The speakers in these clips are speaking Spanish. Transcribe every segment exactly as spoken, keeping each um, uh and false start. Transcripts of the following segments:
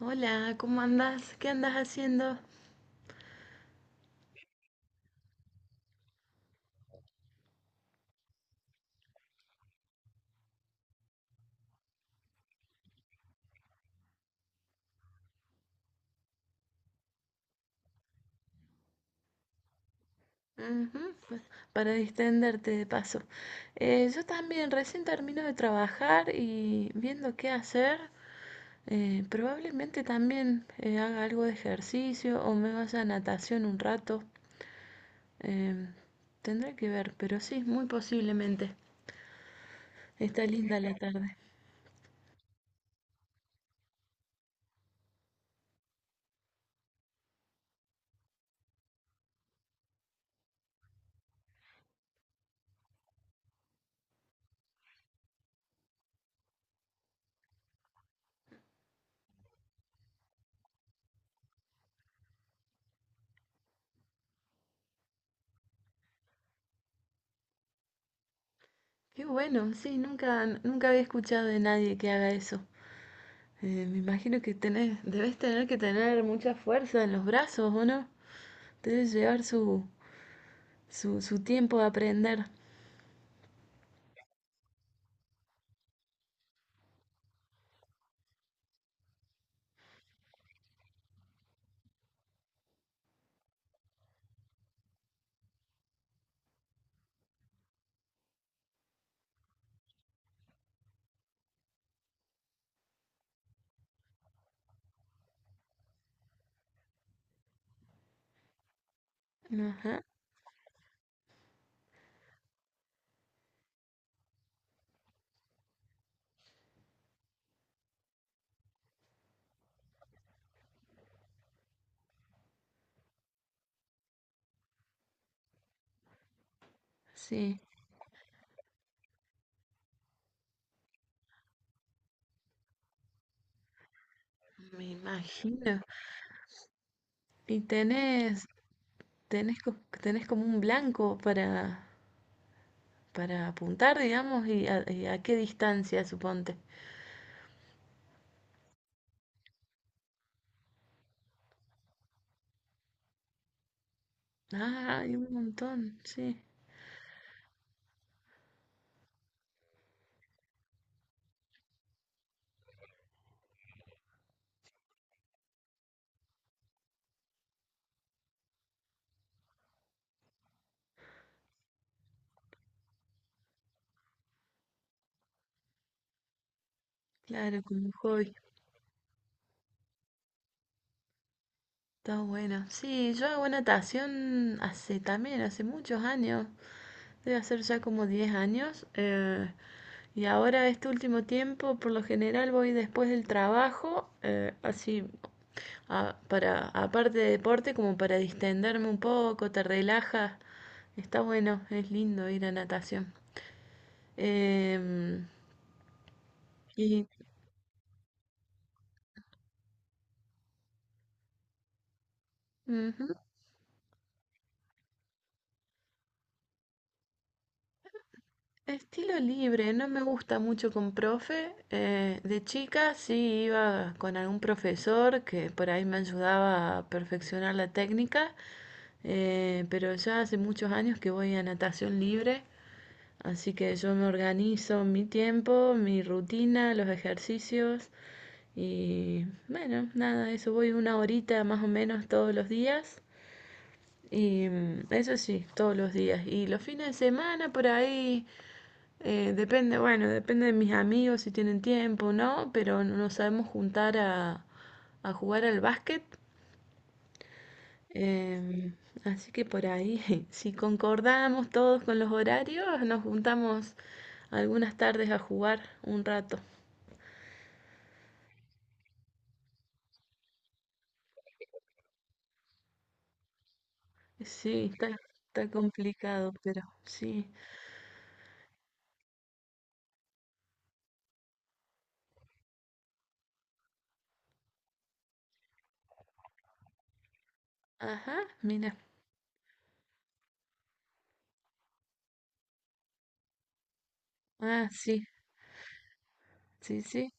Hola, ¿cómo andás? ¿Qué andas haciendo? Ujú, pues, para distenderte de paso. Eh, yo también recién termino de trabajar y viendo qué hacer, eh, probablemente también eh, haga algo de ejercicio o me vaya a natación un rato. Em, Tendré que ver, pero sí, muy posiblemente. Está linda la tarde. Qué bueno, sí, nunca, nunca había escuchado de nadie que haga eso. Eh, me imagino que tenés, debes tener que tener mucha fuerza en los brazos, ¿o no? Debe llevar su, su, su tiempo de aprender. Ajá, sí, me imagino. ¿Y tenés, tenés, co- tenés como un blanco para, para apuntar, digamos, y a, y a qué distancia, suponte? Ah, hay un montón, sí, claro, como un hobby. Está bueno. Sí, yo hago natación hace también, hace muchos años. Debe hacer ya como diez años. Eh, y ahora este último tiempo, por lo general, voy después del trabajo, eh, así, a- para, aparte de deporte, como para distenderme un poco, te relajas. Está bueno, es lindo ir a natación. Em, y, Ujú. Estilo libre, no me gusta mucho con profe. Eh, de chica sí iba con algún profesor que por ahí me ayudaba a perfeccionar la técnica, eh, pero ya hace muchos años que voy a natación libre, así que yo me organizo mi tiempo, mi rutina, los ejercicios y bueno, nada, eso voy una horita más o menos todos los días. Y mm, eso sí, todos los días. Y los fines de semana por ahí eh, depende, bueno, depende de mis amigos si tienen tiempo o no, pero nos sabemos juntar a, a jugar al básquet. Em, Así que por ahí, si concordamos todos con los horarios, nos juntamos algunas tardes a jugar un rato. Sí, está, está complicado, pero sí. Ajá, mira. Ah, sí, sí, sí.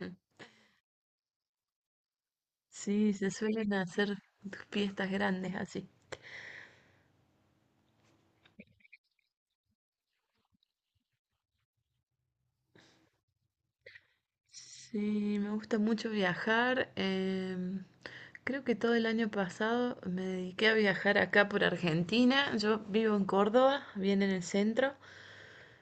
Mm. Sí, se suelen hacer fiestas grandes así. Sí, me gusta mucho viajar. Em, creo que todo el año pasado me dediqué a viajar acá por Argentina. Yo vivo en Córdoba, bien en el centro,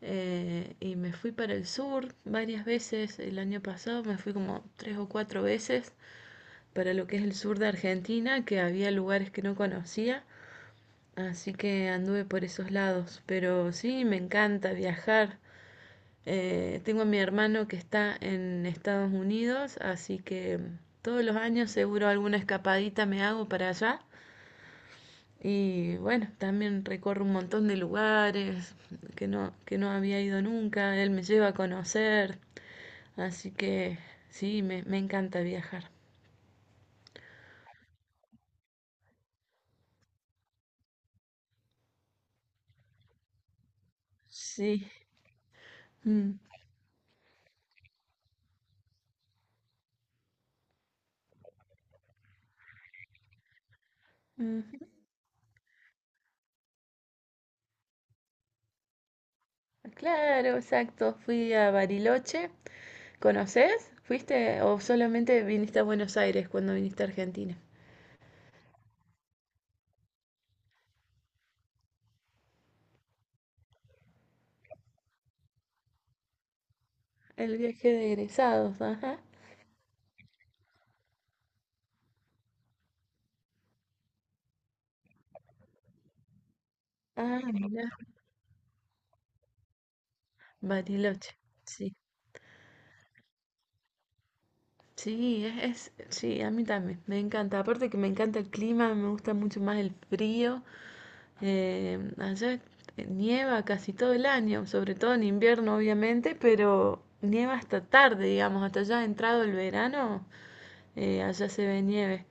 eh, y me fui para el sur varias veces. El año pasado me fui como tres o cuatro veces para lo que es el sur de Argentina, que había lugares que no conocía. Así que anduve por esos lados. Pero sí, me encanta viajar. Eh, tengo a mi hermano que está en Estados Unidos, así que todos los años seguro alguna escapadita me hago para allá. Y bueno, también recorro un montón de lugares que no, que no había ido nunca. Él me lleva a conocer, así que sí, me, me encanta viajar. Sí. Mm, ujú. Claro, exacto. Fui a Bariloche. ¿Conoces? ¿Fuiste o solamente viniste a Buenos Aires cuando viniste a Argentina? El viaje de egresados, ajá. Ah, mira, Bariloche. Sí, sí, es, es- sí, a mí también, me encanta. Aparte que me encanta el clima, me gusta mucho más el frío. Eh, allá eh, nieva casi todo el año, sobre todo en invierno, obviamente, pero nieva hasta tarde, digamos, hasta ya entrado el verano, eh, allá se ve nieve.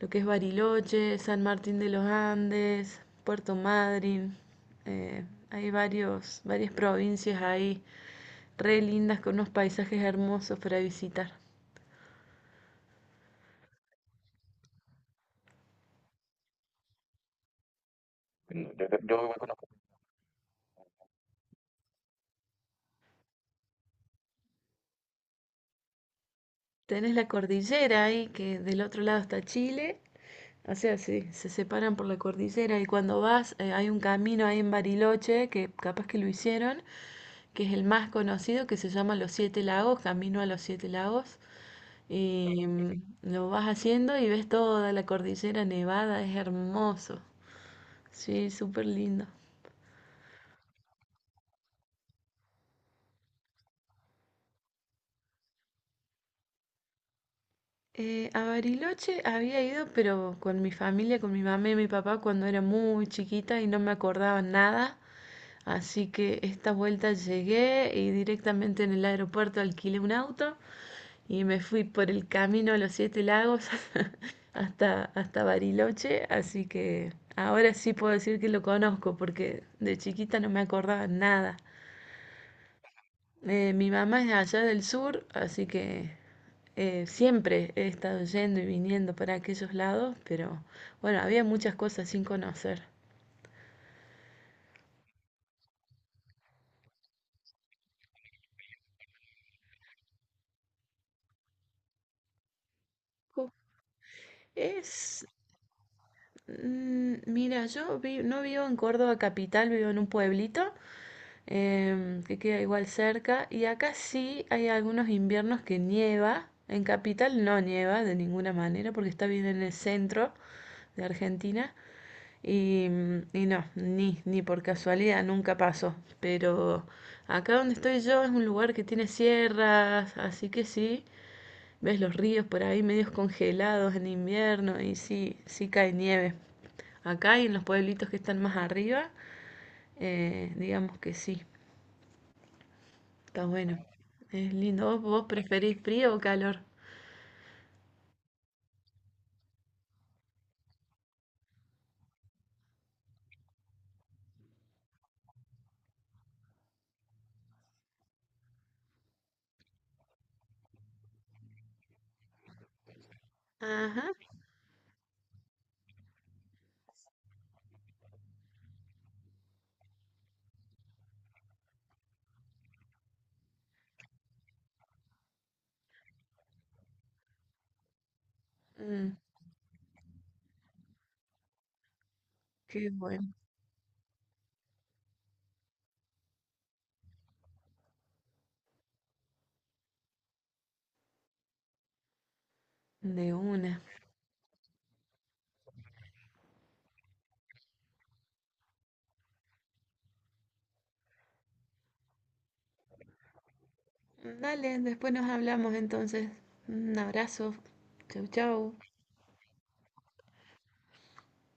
Lo que es Bariloche, San Martín de los Andes, Puerto Madryn. eh, Hay varios, varias provincias ahí re lindas con unos paisajes hermosos para visitar. No, Yo, yo igual conozco. Tenés la cordillera ahí, que del otro lado está Chile. O sea, sí, se separan por la cordillera y cuando vas eh, hay un camino ahí en Bariloche, que capaz que lo hicieron, que es el más conocido, que se llama Los Siete Lagos, Camino a los Siete Lagos. Y mm, lo vas haciendo y ves toda la cordillera nevada, es hermoso. Sí, súper lindo. Eh, a Bariloche había ido, pero con mi familia, con mi mamá y mi papá cuando era muy chiquita y no me acordaba nada. Así que esta vuelta llegué y directamente en el aeropuerto alquilé un auto y me fui por el camino a los Siete Lagos hasta, hasta Bariloche. Así que ahora sí puedo decir que lo conozco porque de chiquita no me acordaba nada. Eh, mi mamá es de allá del sur, así que eh, siempre he estado yendo y viniendo para aquellos lados, pero bueno, había muchas cosas sin conocer. Ju- Es, mm, Mira, yo vi- no vivo en Córdoba capital, vivo en un pueblito em, que queda igual cerca y acá sí hay algunos inviernos que nieva. En capital no nieva de ninguna manera porque está bien en el centro de Argentina. Y y no, ni, ni por casualidad nunca pasó. Pero acá donde estoy yo es un lugar que tiene sierras, así que sí, ves los ríos por ahí medios congelados en invierno y sí, sí cae nieve. Acá y en los pueblitos que están más arriba, eh, digamos que sí, está bueno. Es lindo. ¿Vos, vos preferís frío o calor? Ajá, mm, qué bueno. De una. Dale, después nos hablamos entonces. Un abrazo. Chau, chau.